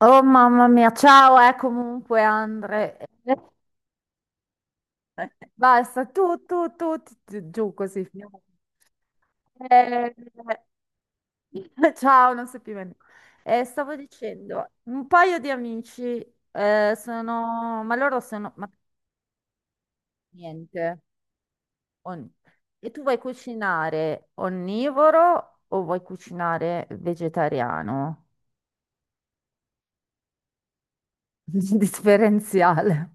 Oh mamma mia, ciao, comunque Andre. Eh, Basta, giù così. Finiamo. Eh, ciao, non so più bene. Stavo dicendo, un paio di amici sono, ma loro sono, ma niente. on- E tu vuoi cucinare onnivoro o vuoi cucinare vegetariano? Differenziale.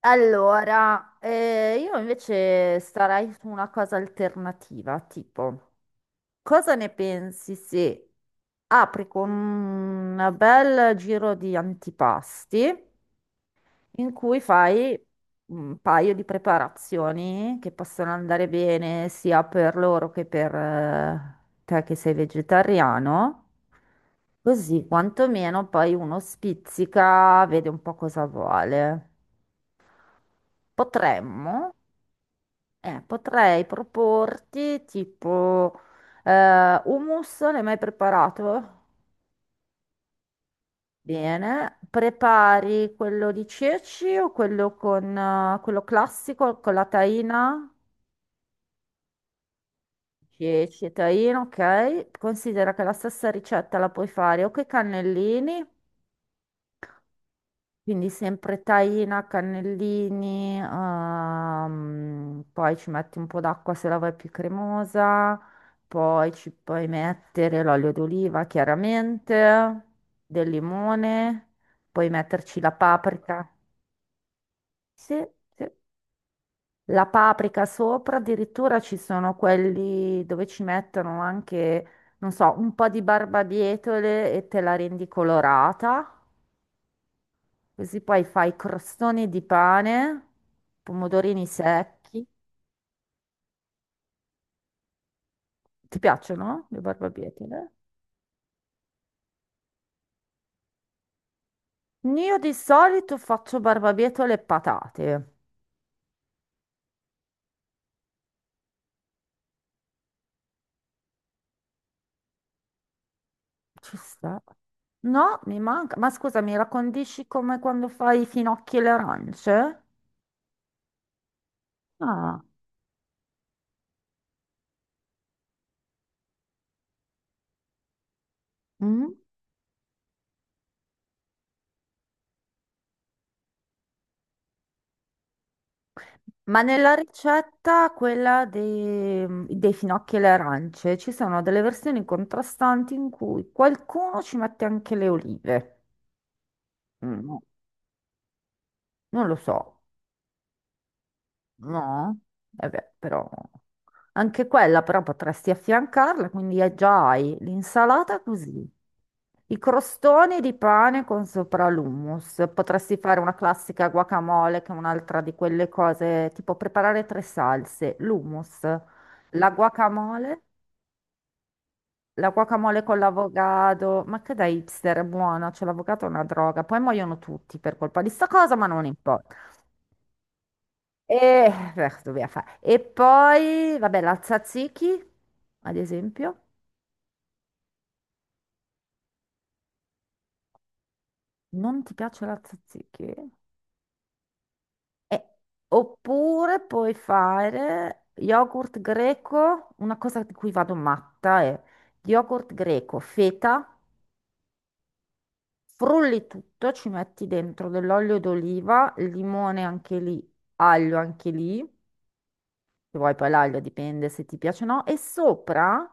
Allora, io invece starei su una cosa alternativa, tipo, cosa ne pensi se apri con un bel giro di antipasti in cui fai un paio di preparazioni che possono andare bene sia per loro che per te che sei vegetariano? Così quantomeno poi uno spizzica, vede un po' cosa vuole. Potremmo potrei proporti tipo hummus, l'hai mai preparato? Bene, prepari quello di ceci o quello con quello classico con la taina? Ceci e taina, ok. Considera che la stessa ricetta la puoi fare o con i cannellini. Quindi sempre taina, cannellini, poi ci metti un po' d'acqua se la vuoi più cremosa, poi ci puoi mettere l'olio d'oliva chiaramente, del limone, puoi metterci la paprika. Sì, sì. La paprika sopra, addirittura ci sono quelli dove ci mettono anche, non so, un po' di barbabietole e te la rendi colorata. Così poi fai crostoni di pane, pomodorini secchi. Ti piacciono le barbabietole? Io di solito faccio barbabietole e patate. Ci sta. No, mi manca. Ma scusa, mi la condisci come quando fai i finocchi e le arance? Ah. Mm. Ma nella ricetta, quella dei finocchi e le arance, ci sono delle versioni contrastanti in cui qualcuno ci mette anche le olive. Mm, no, non lo so. No, eh beh, però anche quella però potresti affiancarla, quindi già hai l'insalata così, i crostoni di pane con sopra l'hummus, potresti fare una classica guacamole che è un'altra di quelle cose, tipo preparare tre salse, l'hummus, la guacamole, la guacamole con l'avogado, ma che da hipster è buona, cioè l'avogado è una droga, poi muoiono tutti per colpa di sta cosa, ma non importa. E, beh, dobbiamo fare. E poi, vabbè, la tzatziki, ad esempio. Non ti piace la tzatziki? Eh, Oppure puoi fare yogurt greco, una cosa di cui vado matta è yogurt greco, feta, frulli tutto, ci metti dentro dell'olio d'oliva, limone anche lì, aglio anche lì. Se vuoi poi l'aglio dipende se ti piace o no. E sopra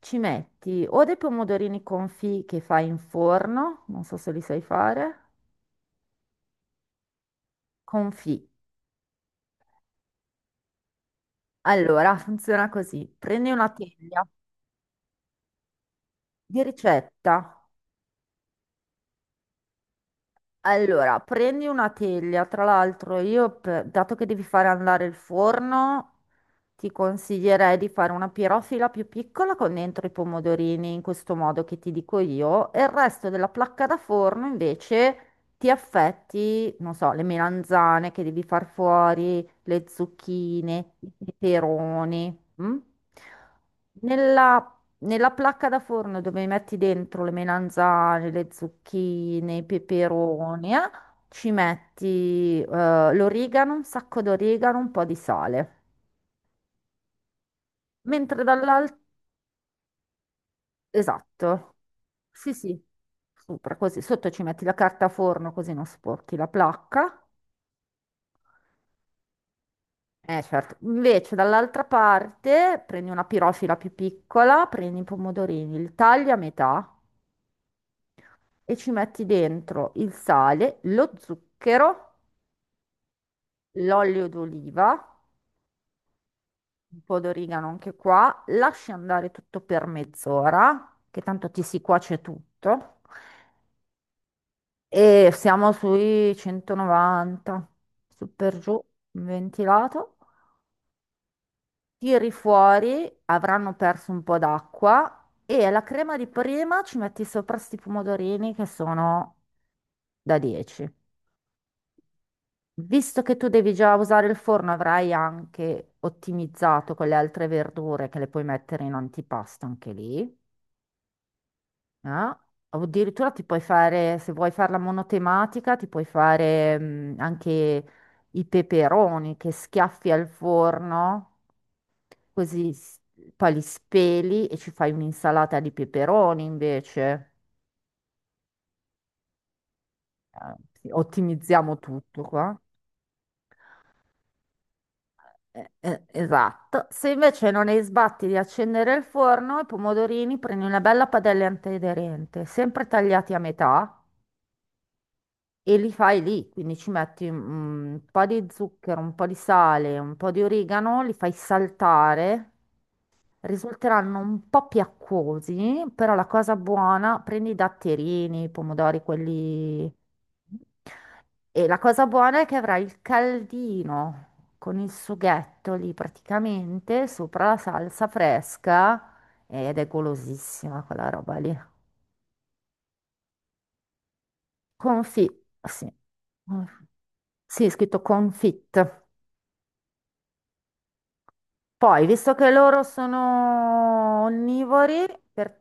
ci metti o dei pomodorini confit che fai in forno, non so se li sai fare. Confit. Allora, funziona così. Prendi una teglia di ricetta. Allora, prendi una teglia, tra l'altro io, dato che devi fare andare il forno, ti consiglierei di fare una pirofila più piccola con dentro i pomodorini, in questo modo che ti dico io, e il resto della placca da forno invece ti affetti, non so, le melanzane che devi far fuori, le zucchine, i peperoni. Mm? Nella nella placca da forno dove metti dentro le melanzane, le zucchine, i peperoni, ci metti l'origano, un sacco d'origano, un po' di sale. Mentre dall'altro... Esatto, sì sì, sopra così, sotto ci metti la carta forno così non sporchi la placca. Eh certo, invece dall'altra parte prendi una pirofila più piccola, prendi i pomodorini, li tagli a metà e ci metti dentro il sale, lo zucchero, l'olio d'oliva, un po' d'origano anche qua, lasci andare tutto per mezz'ora, che tanto ti si cuoce tutto, e siamo sui 190, su per giù, ventilato. Tiri fuori, avranno perso un po' d'acqua e alla crema di prima ci metti sopra sti pomodorini che sono da 10. Visto che tu devi già usare il forno, avrai anche ottimizzato con le altre verdure che le puoi mettere in antipasto anche lì. Eh? O addirittura ti puoi fare, se vuoi farla monotematica, ti puoi fare anche i peperoni che schiaffi al forno, così s- poi li speli e ci fai un'insalata di peperoni invece. Eh, sì, ottimizziamo tutto qua. Esatto, se invece non hai sbatti di accendere il forno, i pomodorini prendi una bella padella antiaderente, sempre tagliati a metà e li fai lì, quindi ci metti un po' di zucchero, un po' di sale, un po' di origano, li fai saltare. Risulteranno un po' più acquosi, però la cosa buona, prendi i datterini, i pomodori, quelli... E la cosa buona è che avrai il caldino con il sughetto lì praticamente sopra la salsa fresca ed è golosissima quella roba lì. Confit, sì. Sì, è scritto confit. Poi, visto che loro sono onnivori, per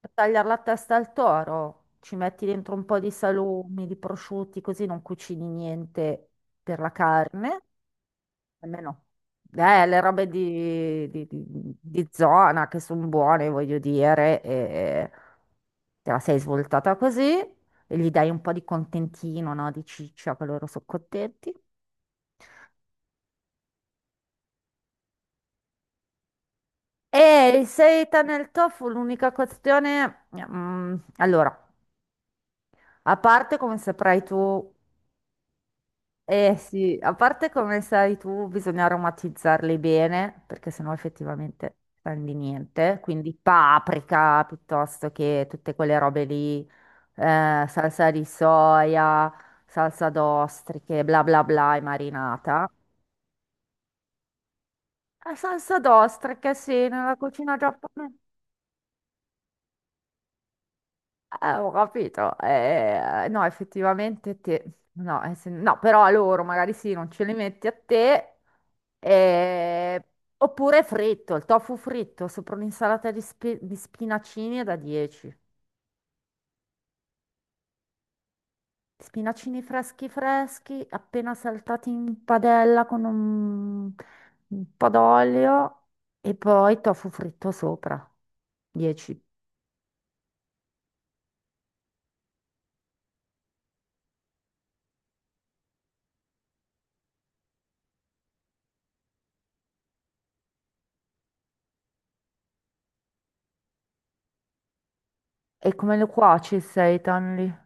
per tagliare la testa al toro, ci metti dentro un po' di salumi, di prosciutti, così non cucini niente per la carne, almeno le robe di zona che sono buone, voglio dire, e te la sei svoltata così e gli dai un po' di contentino, no? Di ciccia, che loro sono contenti. E il seitan nel tofu, l'unica questione... allora, a parte come saprai tu, eh sì, a parte come sai tu, bisogna aromatizzarli bene, perché sennò effettivamente non di niente. Quindi paprika piuttosto che tutte quelle robe lì, salsa di soia, salsa d'ostriche, bla bla bla e marinata. La salsa d'ostriche, sì, nella cucina giapponese. Ho capito. No, effettivamente te... No, no, però a loro magari sì, non ce li metti a te. Eh, Oppure fritto, il tofu fritto sopra un'insalata di, di spinacini è da 10. Spinacini freschi freschi, appena saltati in padella con un po' d'olio e poi tofu fritto sopra. 10. E come lo cuoci il seitan?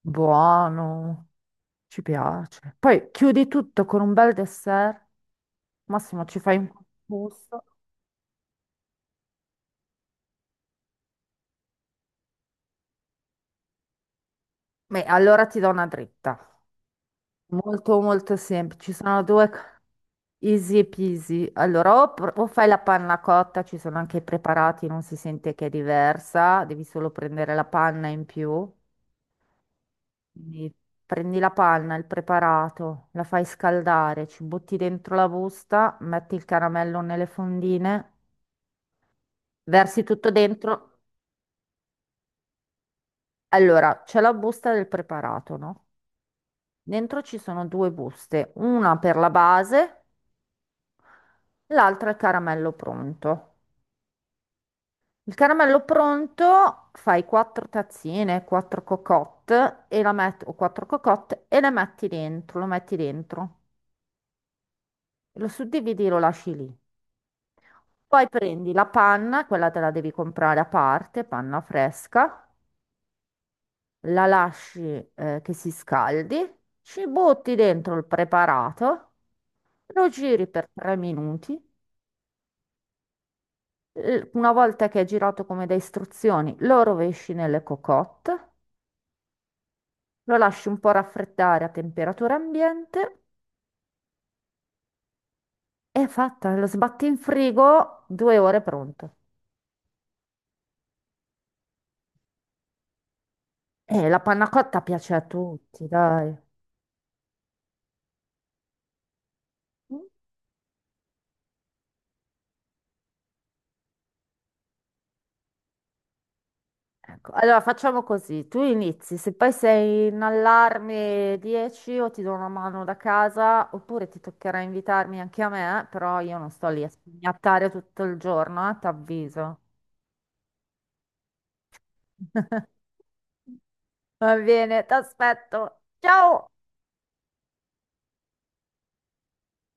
Buono, ci piace. Poi chiudi tutto con un bel dessert. Massimo, ci fai un gusto. Beh, allora ti do una dritta. Molto, molto semplice. Ci sono easy peasy. Allora, o fai la panna cotta, ci sono anche i preparati, non si sente che è diversa. Devi solo prendere la panna in più. Quindi prendi la panna, il preparato, la fai scaldare, ci butti dentro la busta, metti il caramello nelle fondine, versi tutto dentro. Allora, c'è la busta del preparato, no? Dentro ci sono due buste, una per la base, l'altra è il caramello pronto. Il caramello pronto fai quattro tazzine, quattro cocotte e la met- o quattro cocotte e le metti dentro. Lo suddividi e lo lasci lì. Poi prendi la panna, quella te la devi comprare a parte, panna fresca, la lasci che si scaldi, ci butti dentro il preparato. Lo giri per 3 minuti, una volta che è girato come da istruzioni, lo rovesci nelle cocotte, lo lasci un po' raffreddare a temperatura ambiente e è fatta, lo sbatti in frigo, 2 ore pronto. E la panna cotta piace a tutti, dai. Mm. Ecco, allora facciamo così, tu inizi, se poi sei in allarme 10 o ti do una mano da casa oppure ti toccherà invitarmi anche a me, però io non sto lì a spignattare tutto il giorno, t'avviso. Va bene, ti aspetto. Ciao!